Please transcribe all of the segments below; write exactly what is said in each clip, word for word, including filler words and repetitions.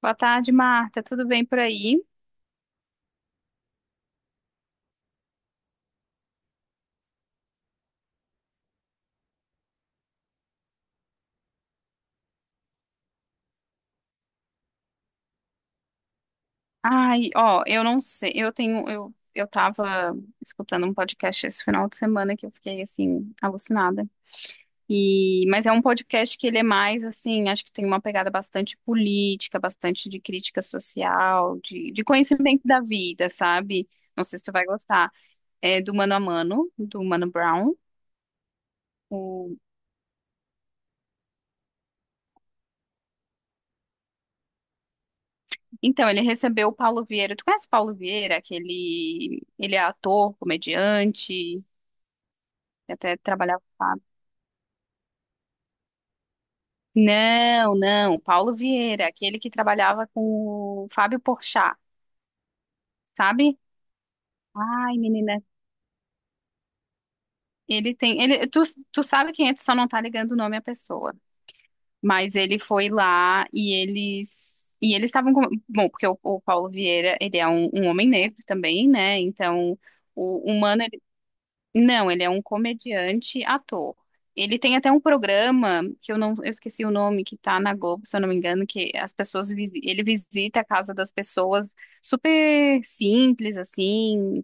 Boa tarde, Marta. Tudo bem por aí? Ai, ó, eu não sei. Eu tenho, eu, eu tava escutando um podcast esse final de semana que eu fiquei assim alucinada. E, mas é um podcast que ele é mais assim, acho que tem uma pegada bastante política, bastante de crítica social, de, de conhecimento da vida, sabe? Não sei se tu vai gostar. É do Mano a Mano, do Mano Brown. O- Então, ele recebeu o Paulo Vieira. Tu conhece o Paulo Vieira? Aquele, ele é ator, comediante. Eu até trabalhava com o Fábio. Não, não, Paulo Vieira, aquele que trabalhava com o Fábio Porchat, sabe? Ai, menina, ele tem, ele, tu, tu sabe quem é, tu só não tá ligando o nome à pessoa. Mas ele foi lá e eles, e eles estavam com, bom, porque o, o Paulo Vieira, ele é um, um homem negro também, né? Então, o, o mano Não, ele é um comediante ator. Ele tem até um programa que eu não, eu esqueci o nome, que tá na Globo, se eu não me engano, que as pessoas visi- ele visita a casa das pessoas super simples assim.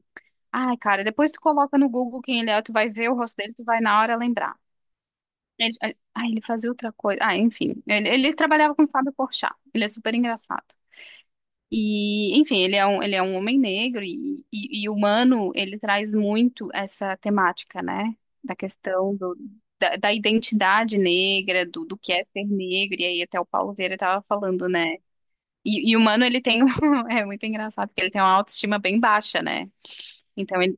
Ai, cara, depois tu coloca no Google quem ele é, tu vai ver o rosto dele, tu vai na hora lembrar. Ele, ah, ele fazia outra coisa. Ah, enfim, ele, ele trabalhava com o Fábio Porchat. Ele é super engraçado. E, enfim, ele é um, ele é um homem negro e, e, e humano, ele traz muito essa temática, né? Da questão do, da, da identidade negra, do, do que é ser negro, e aí até o Paulo Vieira estava falando, né? E, e o Mano, ele tem, um, é muito engraçado, porque ele tem uma autoestima bem baixa, né? Então, ele,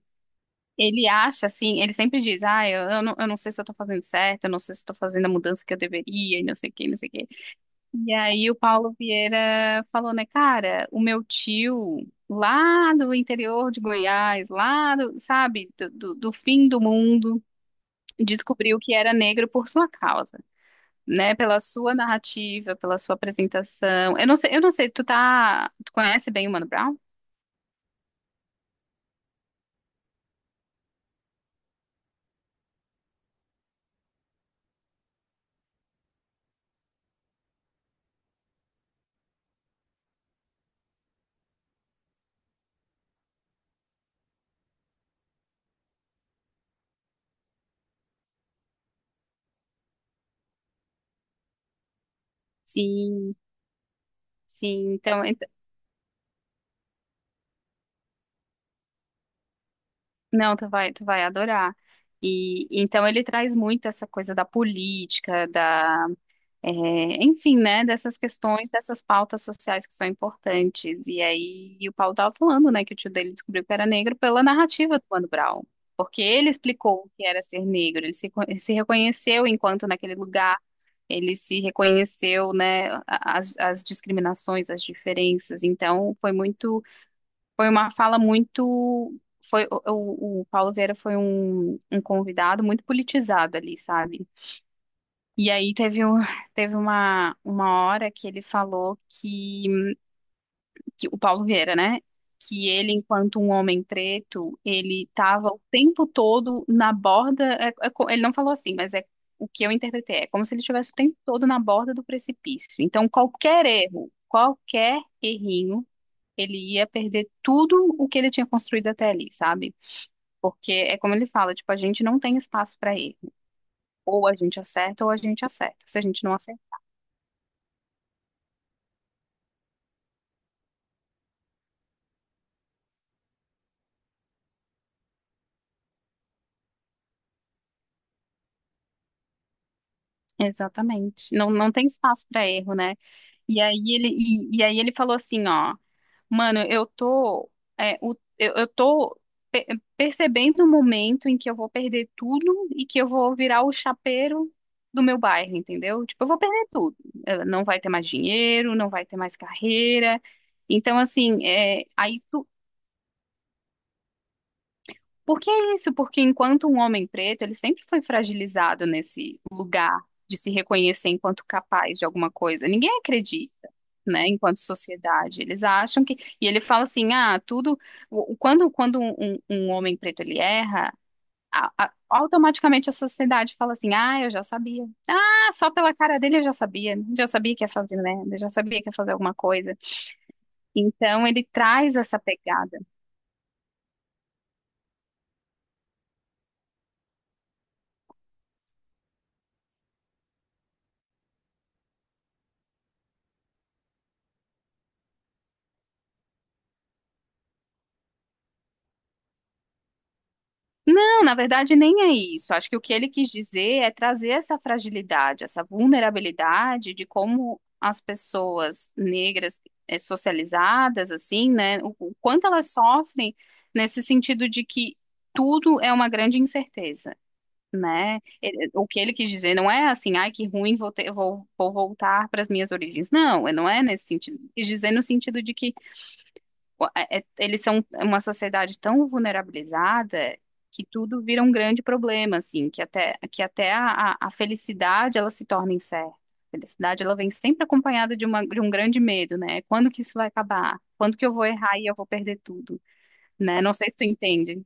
ele acha, assim, ele sempre diz, ah, eu, eu não, eu não sei se eu tô fazendo certo, eu não sei se estou fazendo a mudança que eu deveria, e não sei o que, não sei o que. E aí o Paulo Vieira falou, né, cara, o meu tio lá do interior de Goiás, lá do, sabe, do, do, do fim do mundo, descobriu que era negro por sua causa, né, pela sua narrativa, pela sua apresentação. Eu não sei, eu não sei, tu tá, tu conhece bem o Mano Brown? Sim, sim, então, ent- não, tu vai, tu vai adorar. E então ele traz muito essa coisa da política, da É, enfim, né, dessas questões, dessas pautas sociais que são importantes. E aí o Paulo estava falando, né, que o tio dele descobriu que era negro pela narrativa do Mano Brown, porque ele explicou o que era ser negro, ele se, co- se reconheceu enquanto naquele lugar, ele se reconheceu, né, a- as, as discriminações, as diferenças. Então foi muito, foi uma fala muito foi o, o o Paulo Vieira foi um, um convidado muito politizado ali, sabe? E aí teve, um, teve uma, uma hora que ele falou que, que o Paulo Vieira, né? Que ele, enquanto um homem preto, ele estava o tempo todo na borda. é- é co- ele não falou assim, mas é o que eu interpretei. É como se ele estivesse o tempo todo na borda do precipício. Então, qualquer erro, qualquer errinho, ele ia perder tudo o que ele tinha construído até ali, sabe? Porque é como ele fala, tipo, a gente não tem espaço para erro. Ou a gente acerta ou a gente acerta. Se a gente não acertar, Exatamente. Não, não tem espaço para erro, né? E aí ele, e, e aí ele falou assim, ó, mano, eu tô, é, o- eu, eu tô pe- percebendo o momento em que eu vou perder tudo e que eu vou virar o chapeiro do meu bairro, entendeu? Tipo, eu vou perder tudo. Eh, Não vai ter mais dinheiro, não vai ter mais carreira. Então, assim, é, aí tu- por que isso? Porque enquanto um homem preto, ele sempre foi fragilizado nesse lugar de se reconhecer enquanto capaz de alguma coisa. Ninguém acredita, né, enquanto sociedade. Eles acham que. E ele fala assim: ah, tudo. o- o- Quando, quando um, um um homem preto ele erra, a- a- automaticamente a sociedade fala assim: ah, eu já sabia. Ah, só pela cara dele eu já sabia. Já sabia que ia fazer merda, já sabia que ia fazer alguma coisa. Então ele traz essa pegada. Não, na verdade nem é isso. Acho que o que ele quis dizer é trazer essa fragilidade, essa vulnerabilidade de como as pessoas negras eh, socializadas, assim, né, o, o quanto elas sofrem nesse sentido de que tudo é uma grande incerteza, né? Ele- o que ele quis dizer não é assim, ai, que ruim, vou ter- vou, vou voltar para as minhas origens. Não, não é nesse sentido. Ele quis dizer no sentido de que o- é- é- eles são uma sociedade tão vulnerabilizada que tudo vira um grande problema, assim, que até, que até a, a- a felicidade ela se torna incerta. A felicidade ela vem sempre acompanhada de, uma, de um grande medo, né? Quando que isso vai acabar? Quando que eu vou errar e eu vou perder tudo, né? Não sei se tu entende.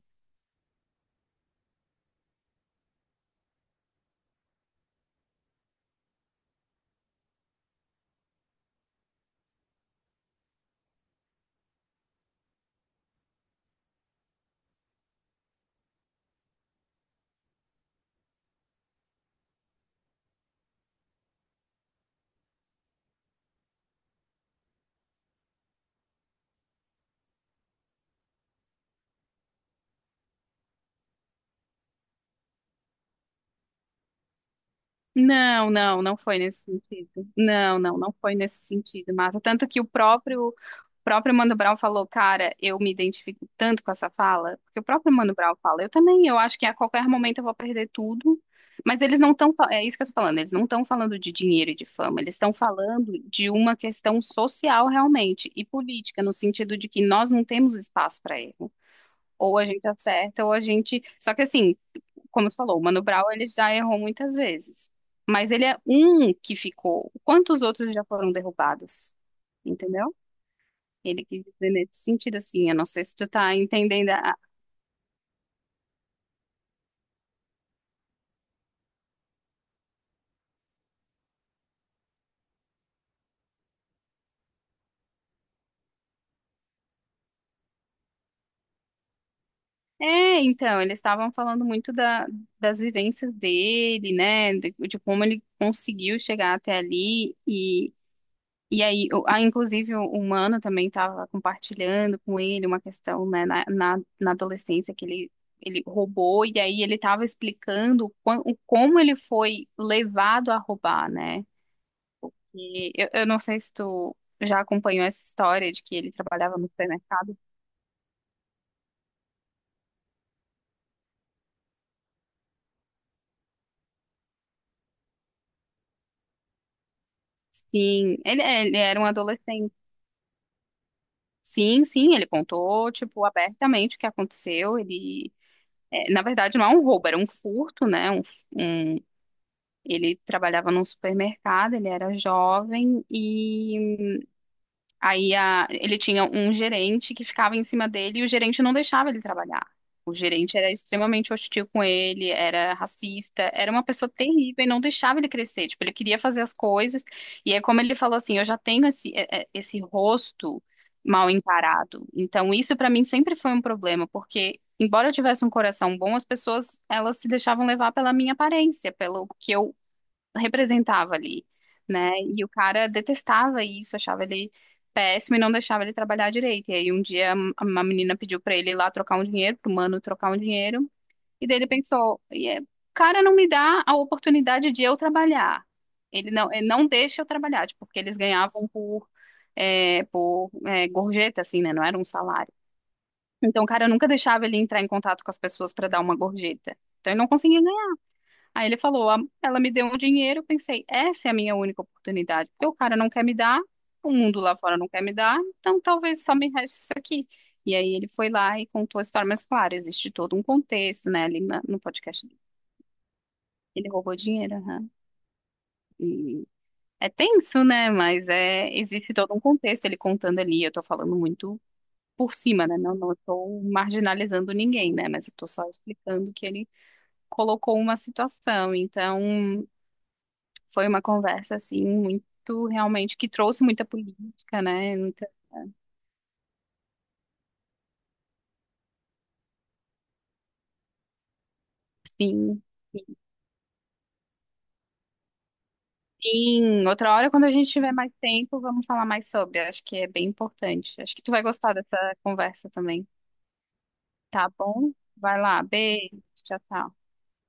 Não, não, não foi nesse sentido. Não, não, não foi nesse sentido, Marta. Tanto que o próprio próprio Mano Brown falou, cara, eu me identifico tanto com essa fala, porque o próprio Mano Brown fala, eu também, eu acho que a qualquer momento eu vou perder tudo, mas eles não estão, é isso que eu tô falando, eles não estão falando de dinheiro e de fama, eles estão falando de uma questão social realmente e política, no sentido de que nós não temos espaço para erro. Ou a gente acerta, ou a gente. Só que assim, como você falou, o Mano Brown ele já errou muitas vezes. Mas ele é um que ficou. Quantos outros já foram derrubados? Entendeu? Ele quis dizer nesse sentido, assim, eu não sei se tu tá entendendo. a- É, então, eles estavam falando muito da, das vivências dele, né, de, de como ele conseguiu chegar até ali, e, e aí, o- ah, inclusive, o humano também estava compartilhando com ele uma questão, né, na, na, na adolescência que ele, ele roubou, e aí ele estava explicando o, quan- o como ele foi levado a roubar, né, e eu, eu não sei se tu já acompanhou essa história de que ele trabalhava no supermercado. Sim, ele, é, ele era um adolescente. Sim, sim, ele contou, tipo, abertamente o que aconteceu. Ele, é, na verdade, não é um roubo, era um furto, né? Um, f- um- ele trabalhava num supermercado, ele era jovem. Aí a- ele tinha um gerente que ficava em cima dele e o gerente não deixava ele trabalhar. O gerente era extremamente hostil com ele, era racista, era uma pessoa terrível e não deixava ele crescer. Tipo, ele queria fazer as coisas. E é como ele falou assim: eu já tenho esse, é- é- esse rosto mal encarado. Então, isso pra mim sempre foi um problema, porque. Embora eu tivesse um coração bom, as pessoas elas se deixavam levar pela minha aparência, pelo que eu representava ali, né? E o cara detestava isso, achava ele péssimo e não deixava ele trabalhar direito. E aí um dia m- uma menina pediu pra ele ir lá trocar um dinheiro, pro mano trocar um dinheiro, e daí ele pensou, "E é- o cara não me dá a oportunidade de eu trabalhar. Ele não, ele não deixa eu trabalhar, tipo, porque eles ganhavam por é, por é, gorjeta, assim, né? Não era um salário. Então, o cara nunca deixava ele entrar em contato com as pessoas para dar uma gorjeta. Então, ele não conseguia. Aí ele falou, "A- Ela me deu um dinheiro, eu pensei, essa é a minha única oportunidade, porque o cara não quer me dar, o mundo lá fora não quer me dar, então talvez só me reste isso aqui. E aí ele foi lá e contou a história, mas claro, existe todo um contexto, né, ali na- no podcast. Dele. Ele roubou dinheiro, aham. E é tenso, né, mas é, existe todo um contexto, ele contando ali, eu tô falando muito por cima, né, não, não estou marginalizando ninguém, né, mas eu tô só explicando que ele colocou uma situação, então... Foi uma conversa, assim, muito, realmente, que trouxe muita política, né? Muita, sim. Sim, outra hora, quando a gente tiver mais tempo, vamos falar mais sobre. Acho que é bem importante. Acho que tu vai gostar dessa conversa também. Tá bom? Vai lá, beijo, tchau, tchau.